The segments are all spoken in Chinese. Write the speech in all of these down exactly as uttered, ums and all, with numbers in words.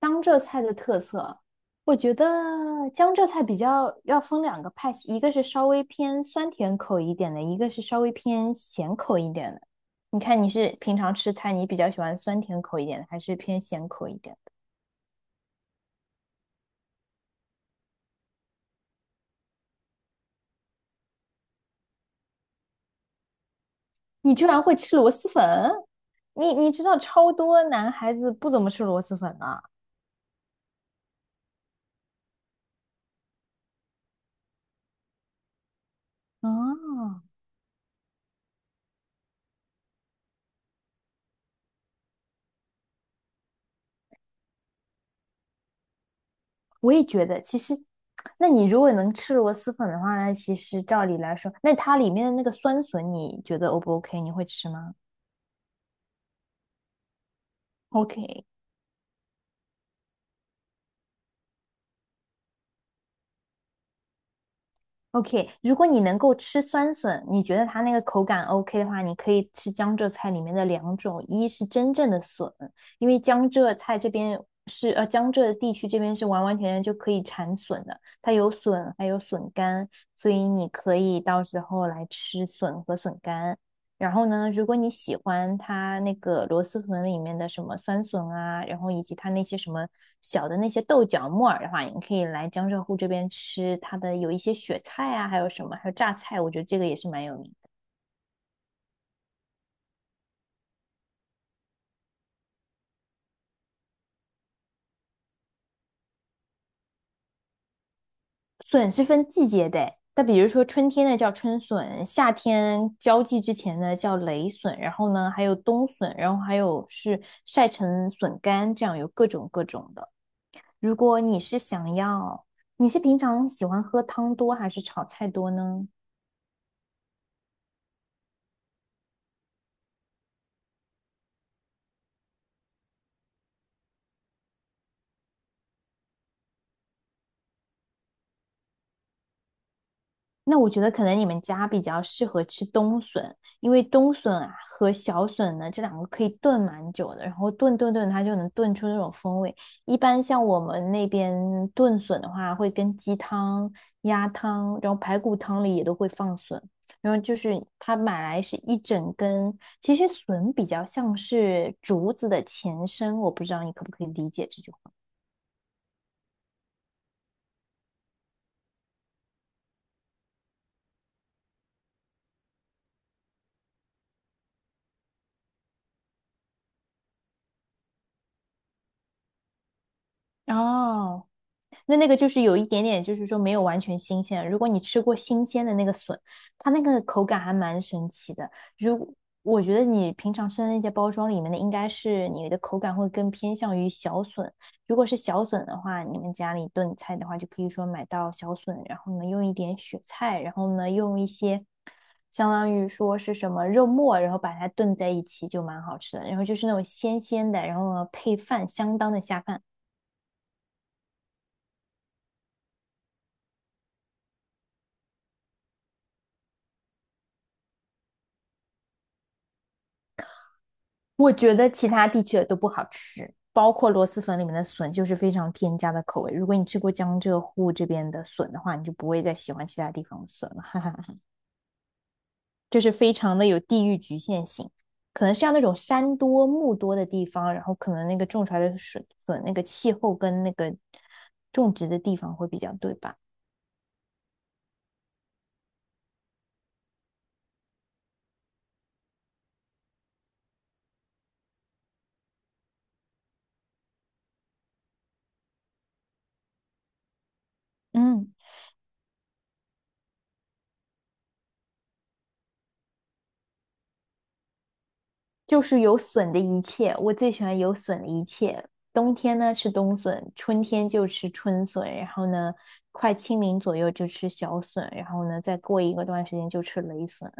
江浙菜的特色，我觉得江浙菜比较要分两个派系，一个是稍微偏酸甜口一点的，一个是稍微偏咸口一点的。你看你是平常吃菜，你比较喜欢酸甜口一点的，还是偏咸口一点的？你居然会吃螺蛳粉？你你知道超多男孩子不怎么吃螺蛳粉的啊，哦我也觉得，其实，那你如果能吃螺蛳粉的话呢，其实照理来说，那它里面的那个酸笋，你觉得 O 不 O K？你会吃吗？OK，OK，如果你能够吃酸笋，你觉得它那个口感 OK 的话，你可以吃江浙菜里面的两种，一是真正的笋，因为江浙菜这边是呃江浙地区这边是完完全全就可以产笋的，它有笋还有笋干，所以你可以到时候来吃笋和笋干。然后呢，如果你喜欢它那个螺蛳粉里面的什么酸笋啊，然后以及它那些什么小的那些豆角木耳的话，你可以来江浙沪这边吃它的有一些雪菜啊，还有什么，还有榨菜，我觉得这个也是蛮有名的。笋是分季节的诶，那比如说春天的叫春笋，夏天交际之前呢叫雷笋，然后呢还有冬笋，然后还有是晒成笋干，这样有各种各种的。如果你是想要，你是平常喜欢喝汤多还是炒菜多呢？那我觉得可能你们家比较适合吃冬笋，因为冬笋啊和小笋呢这两个可以炖蛮久的，然后炖炖炖它就能炖出那种风味。一般像我们那边炖笋的话，会跟鸡汤、鸭汤，然后排骨汤里也都会放笋。然后就是它买来是一整根，其实笋比较像是竹子的前身，我不知道你可不可以理解这句话。哦，那那个就是有一点点，就是说没有完全新鲜。如果你吃过新鲜的那个笋，它那个口感还蛮神奇的。如我觉得你平常吃的那些包装里面的，应该是你的口感会更偏向于小笋。如果是小笋的话，你们家里炖菜的话，就可以说买到小笋，然后呢用一点雪菜，然后呢用一些相当于说是什么肉末，然后把它炖在一起就蛮好吃的。然后就是那种鲜鲜的，然后呢配饭相当的下饭。我觉得其他地区的都不好吃，包括螺蛳粉里面的笋就是非常添加的口味。如果你吃过江浙沪这边的笋的话，你就不会再喜欢其他地方的笋了，哈哈，就是非常的有地域局限性。可能像那种山多木多的地方，然后可能那个种出来的笋笋那个气候跟那个种植的地方会比较对吧？嗯，就是有笋的一切，我最喜欢有笋的一切。冬天呢吃冬笋，春天就吃春笋，然后呢，快清明左右就吃小笋，然后呢，再过一个段时间就吃雷笋，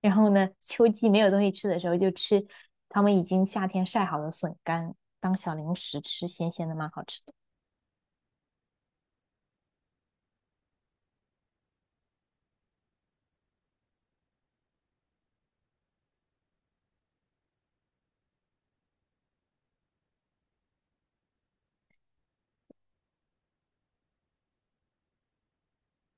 然后呢，秋季没有东西吃的时候就吃他们已经夏天晒好的笋干当小零食吃，咸咸的蛮好吃的。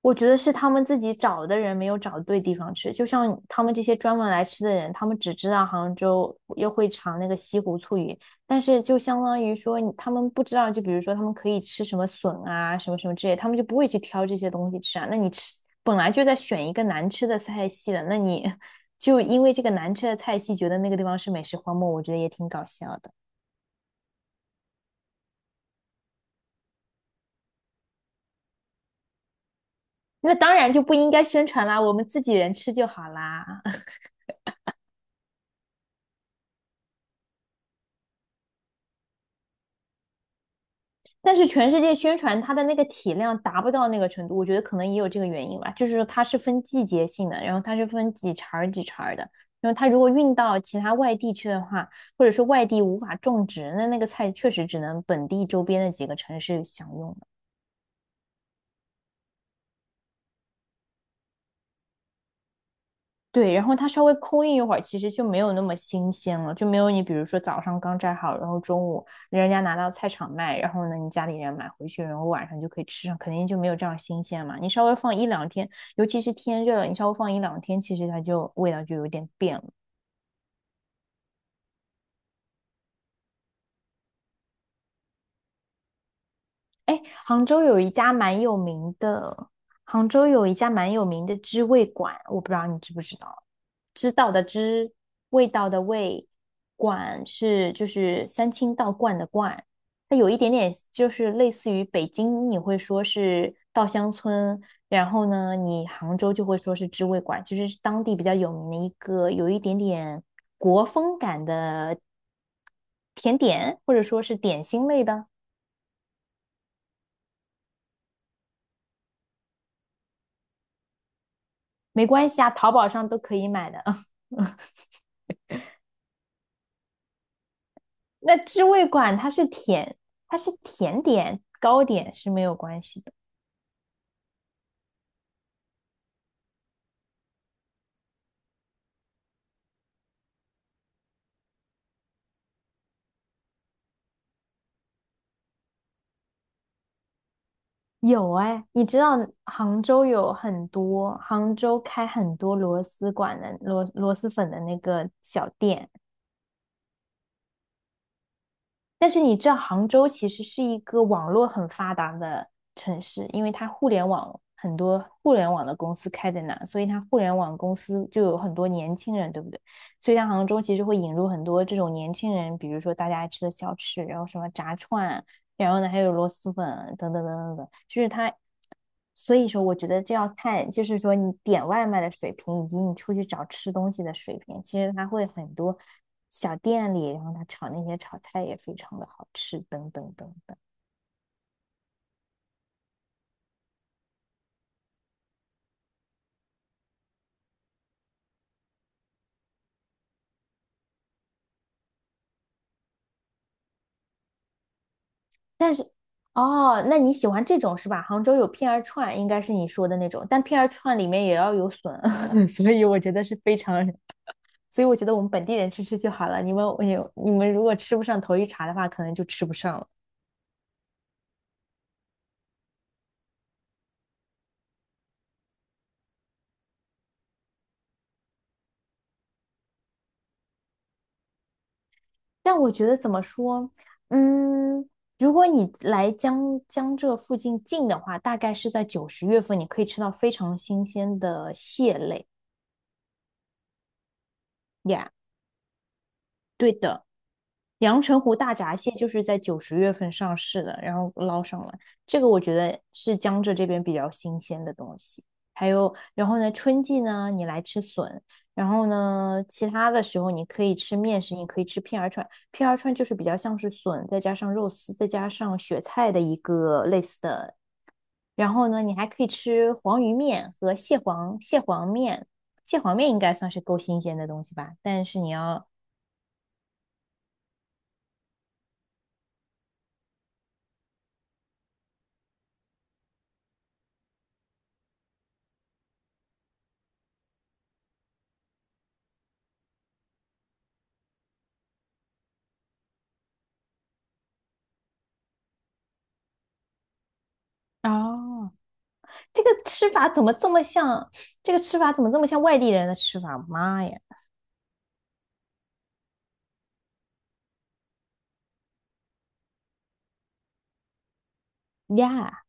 我觉得是他们自己找的人没有找对地方吃，就像他们这些专门来吃的人，他们只知道杭州又会尝那个西湖醋鱼，但是就相当于说你他们不知道，就比如说他们可以吃什么笋啊，什么什么之类，他们就不会去挑这些东西吃啊。那你吃本来就在选一个难吃的菜系的，那你 就因为这个难吃的菜系，觉得那个地方是美食荒漠，我觉得也挺搞笑的。那当然就不应该宣传啦，我们自己人吃就好啦。但是全世界宣传它的那个体量达不到那个程度，我觉得可能也有这个原因吧。就是说它是分季节性的，然后它是分几茬儿几茬儿的，然后它如果运到其他外地去的话，或者说外地无法种植，那那个菜确实只能本地周边的几个城市享用。对，然后它稍微空运一会儿，其实就没有那么新鲜了，就没有你比如说早上刚摘好，然后中午人家拿到菜场卖，然后呢你家里人买回去，然后晚上就可以吃上，肯定就没有这样新鲜嘛。你稍微放一两天，尤其是天热了，你稍微放一两天，其实它就味道就有点变了。哎，杭州有一家蛮有名的，杭州有一家蛮有名的知味馆，我不知道你知不知道？知道的知，味道的味，馆是就是三清道观的观，它有一点点就是类似于北京你会说是稻香村，然后呢，你杭州就会说是知味馆，就是当地比较有名的一个有一点点国风感的甜点，或者说是点心类的。没关系啊，淘宝上都可以买的。那知味馆它是甜，它是甜点、糕点是没有关系的。有哎，你知道杭州有很多，杭州开很多螺蛳馆的螺螺蛳粉的那个小店，但是你知道，杭州其实是一个网络很发达的城市，因为它互联网很多互联网的公司开在那，所以它互联网公司就有很多年轻人，对不对？所以它杭州其实会引入很多这种年轻人，比如说大家爱吃的小吃，然后什么炸串啊，然后呢还有螺蛳粉啊等等等等等，就是它所以说，我觉得这要看，就是说你点外卖的水平，以及你出去找吃东西的水平。其实它会很多小店里，然后它炒那些炒菜也非常的好吃，等等等等。但是，哦，那你喜欢这种是吧？杭州有片儿串，应该是你说的那种，但片儿串里面也要有笋，所以我觉得是非常，所以我觉得我们本地人吃吃就好了。你们，你你们如果吃不上头一茬的话，可能就吃不上了。但我觉得怎么说，嗯，如果你来江江浙附近近的话，大概是在九十月份，你可以吃到非常新鲜的蟹类呀。对的，阳澄湖大闸蟹就是在九十月份上市的，然后捞上来，这个我觉得是江浙这边比较新鲜的东西。还有，然后呢，春季呢，你来吃笋，然后呢，其他的时候你可以吃面食，你可以吃片儿串，片儿串就是比较像是笋，再加上肉丝，再加上雪菜的一个类似的。然后呢，你还可以吃黄鱼面和蟹黄蟹黄面，蟹黄面应该算是够新鲜的东西吧，但是你要。哦，这个吃法怎么这么像？这个吃法怎么这么像外地人的吃法？妈呀呀！